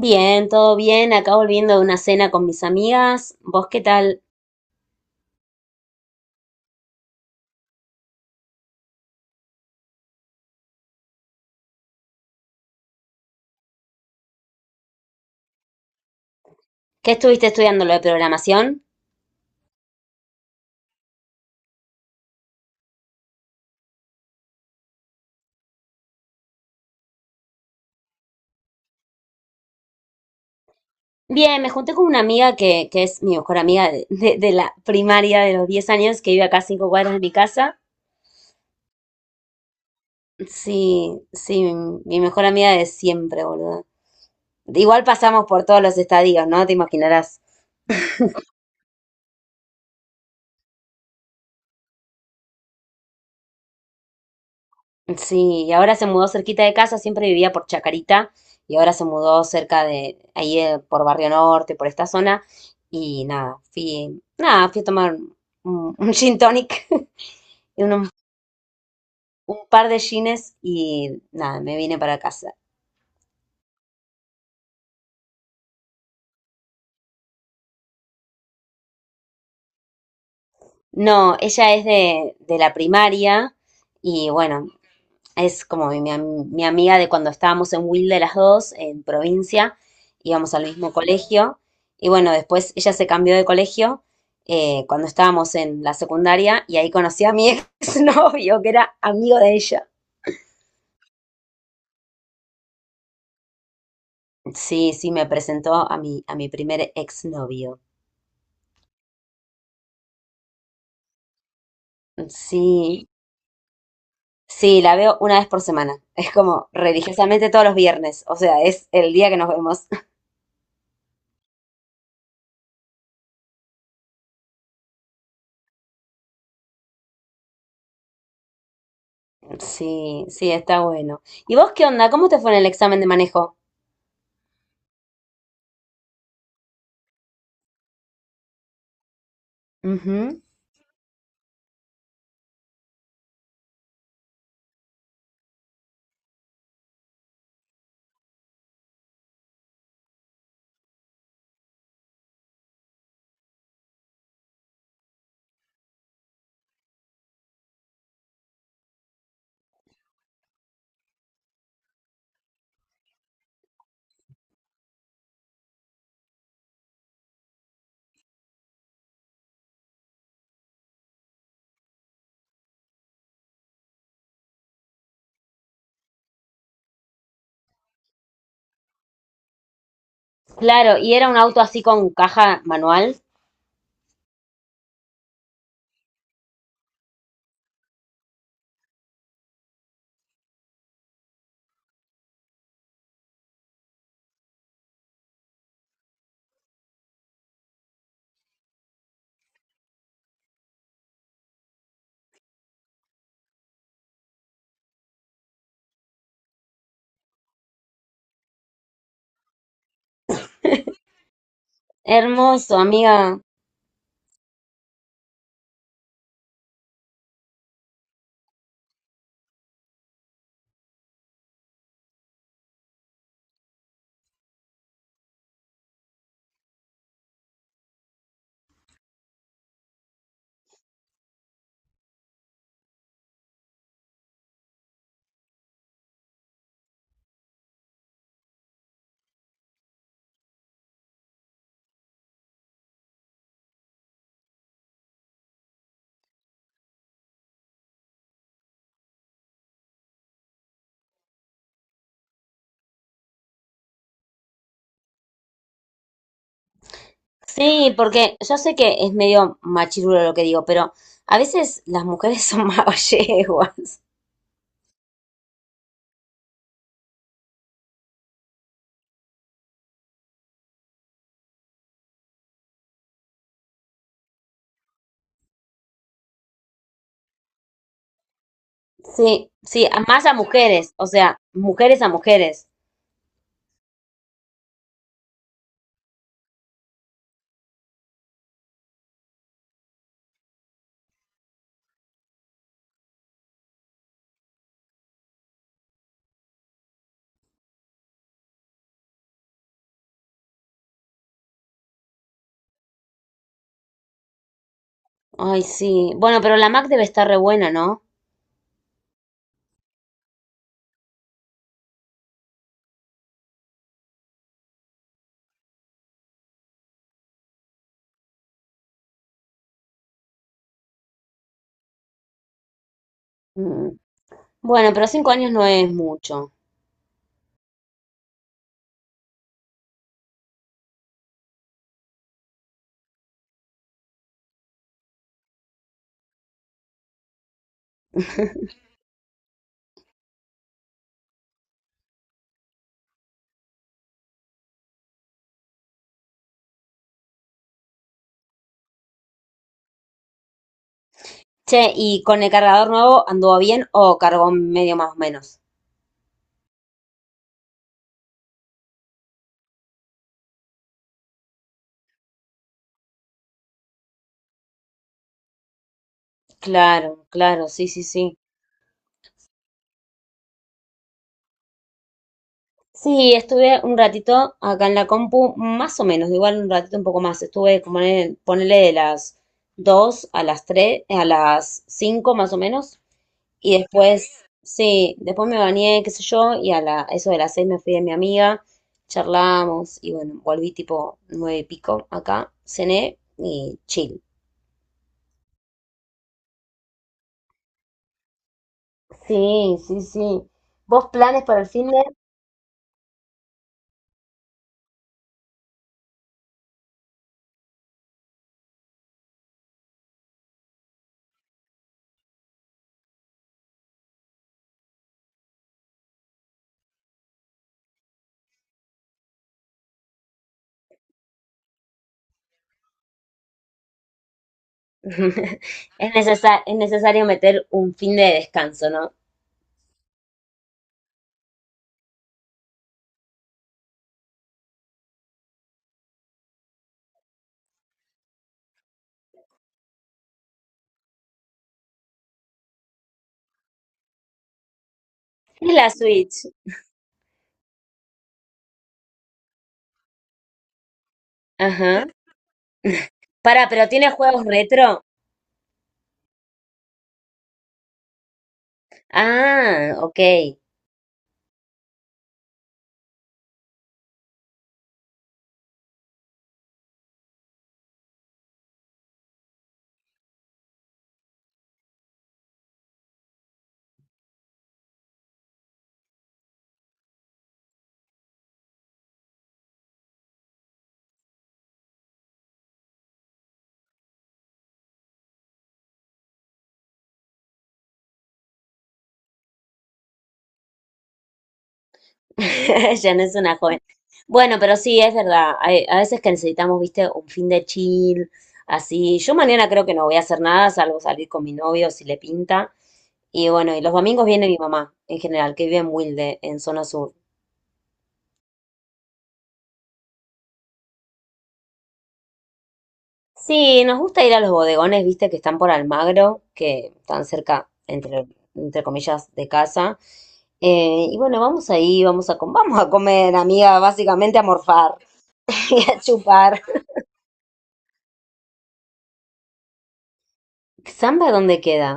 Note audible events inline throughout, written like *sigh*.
Bien, todo bien. Acá volviendo de una cena con mis amigas. ¿Vos qué tal? ¿Qué estuviste estudiando lo de programación? Bien, me junté con una amiga que es mi mejor amiga de la primaria de los 10 años, que vive acá a 5 cuadras de mi casa. Sí, sí, mi mejor amiga de siempre, boludo. Igual pasamos por todos los estadios, ¿no? Te imaginarás. Sí, y ahora se mudó cerquita de casa, siempre vivía por Chacarita y ahora se mudó cerca de ahí, por Barrio Norte, por esta zona y nada, fui, nada, fui a tomar un, *laughs* un gin tonic, *laughs* y un par de gines y nada, me vine para casa. No, ella es de la primaria y bueno, es como mi amiga de cuando estábamos en Wilde las dos, en provincia, íbamos al mismo colegio. Y bueno, después ella se cambió de colegio, cuando estábamos en la secundaria y ahí conocí a mi *laughs* exnovio, que era amigo de ella. Sí, sí, me presentó a mi primer exnovio. Sí, sí, la veo una vez por semana. Es como religiosamente todos los viernes. O sea, es el día que nos vemos. *laughs* Sí, sí, está bueno. ¿Y vos qué onda? ¿Cómo te fue en el examen de manejo? Ujú. Claro, y era un auto así con caja manual. *laughs* Hermoso, amiga. Sí, porque yo sé que es medio machirulo lo que digo, pero a veces las mujeres son *laughs* más yeguas. Sí, sí, a- más a mujeres, o sea, mujeres a mujeres. Ay, sí. Bueno, pero la Mac debe estar re buena, ¿no? Mm. Bueno, pero 5 años no es mucho. *laughs* Che, ¿y con el cargador nuevo anduvo bien o cargó medio más o menos? Claro, claro, sí, sí, sí. Sí, estuve un ratito acá en la compu, más o menos, igual un ratito un poco más. Estuve como ponele de las 2 a las 3, a las 5 más o menos. Y después, sí, después me bañé, qué sé yo, y a la, eso de las 6 me fui de mi amiga, charlamos y bueno, volví tipo 9 y pico acá, cené y chill. Sí, sí, sí. ¿Vos planes para el fin de? *laughs* Es necesario meter un fin de descanso, ¿no? Es la Switch. Ajá. Para, pero tiene juegos retro. Ah, ok. *laughs* Ya no es una joven. Bueno, pero sí, es verdad. A veces que necesitamos, viste, un fin de chill, así. Yo mañana creo que no voy a hacer nada, salvo salir con mi novio si le pinta. Y bueno, y los domingos viene mi mamá, en general, que vive en Wilde, en zona sur. Sí, nos gusta ir a los bodegones, viste, que están por Almagro, que están cerca, entre, entre comillas, de casa. Y bueno, vamos ahí, vamos a comer, amiga, básicamente a morfar *laughs* y a chupar. ¿Samba dónde queda?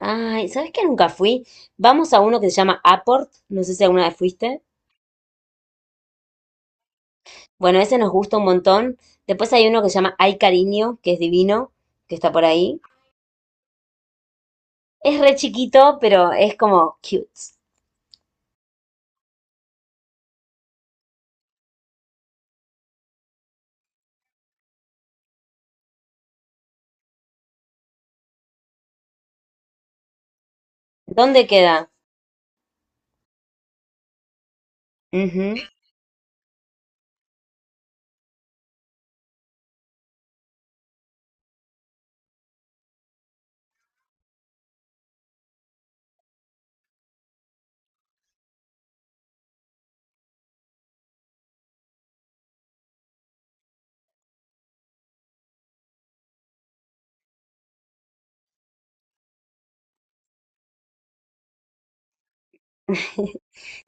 Ay, ¿sabes que nunca fui? Vamos a uno que se llama Aport, no sé si alguna vez fuiste. Bueno, ese nos gusta un montón. Después hay uno que se llama Ay Cariño, que es divino, que está por ahí. Es re chiquito, pero es como cute. ¿Dónde queda? Ujú.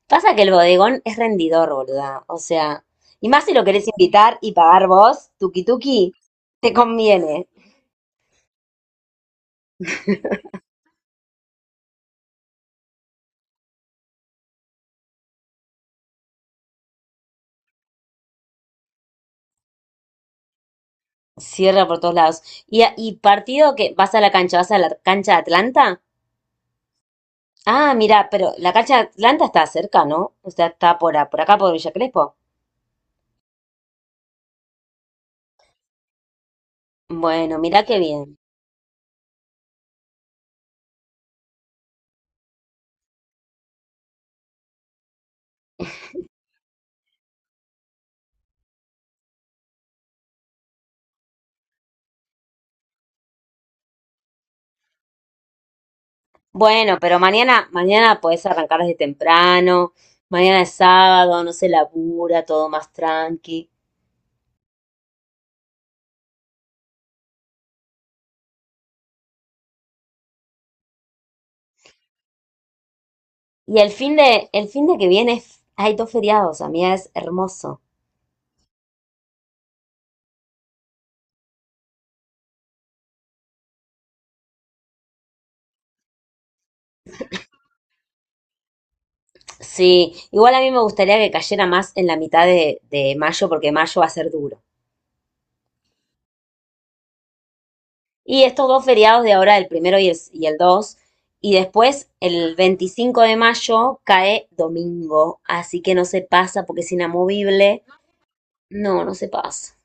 Pasa que el bodegón es rendidor, boluda. O sea, y más si lo querés invitar y pagar vos, tuki tuki, te conviene. Cierra por todos lados. Y, a- y partido que vas a la cancha, vas a la cancha de Atlanta. Ah, mira, pero la cancha de Atlanta está cerca, ¿no? O sea, está por acá, por Villa Crespo. Bueno, mira qué bien. Bueno, pero mañana, mañana podés arrancar desde temprano. Mañana es sábado, no se labura, todo más tranqui. Y el fin de que viene es- hay dos feriados, amiga, es hermoso. Sí, igual a mí me gustaría que cayera más en la mitad de mayo, porque mayo va a ser duro. Y estos dos feriados de ahora, el primero y el dos, y después el 25 de mayo cae domingo, así que no se pasa porque es inamovible. No, no se pasa.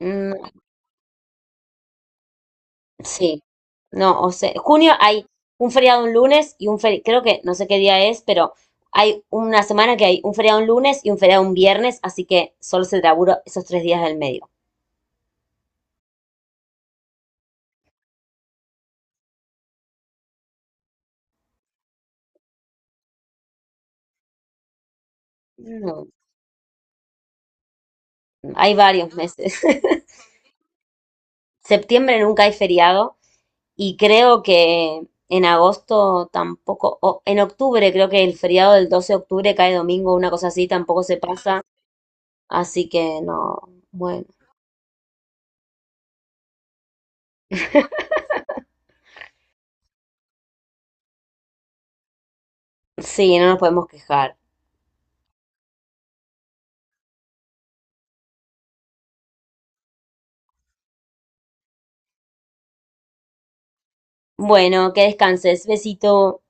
Mm, sí, no, o sea, junio hay un feriado un lunes y un feriado, creo que no sé qué día es, pero hay una semana que hay un feriado un lunes y un feriado un viernes, así que solo se labura esos 3 días del medio. No, hay varios meses. *laughs* Septiembre nunca hay feriado. Y creo que en agosto tampoco, o en octubre, creo que el feriado del 12 de octubre cae domingo, una cosa así, tampoco se pasa. Así que no, bueno, sí, no nos podemos quejar. Bueno, que descanses. Besito.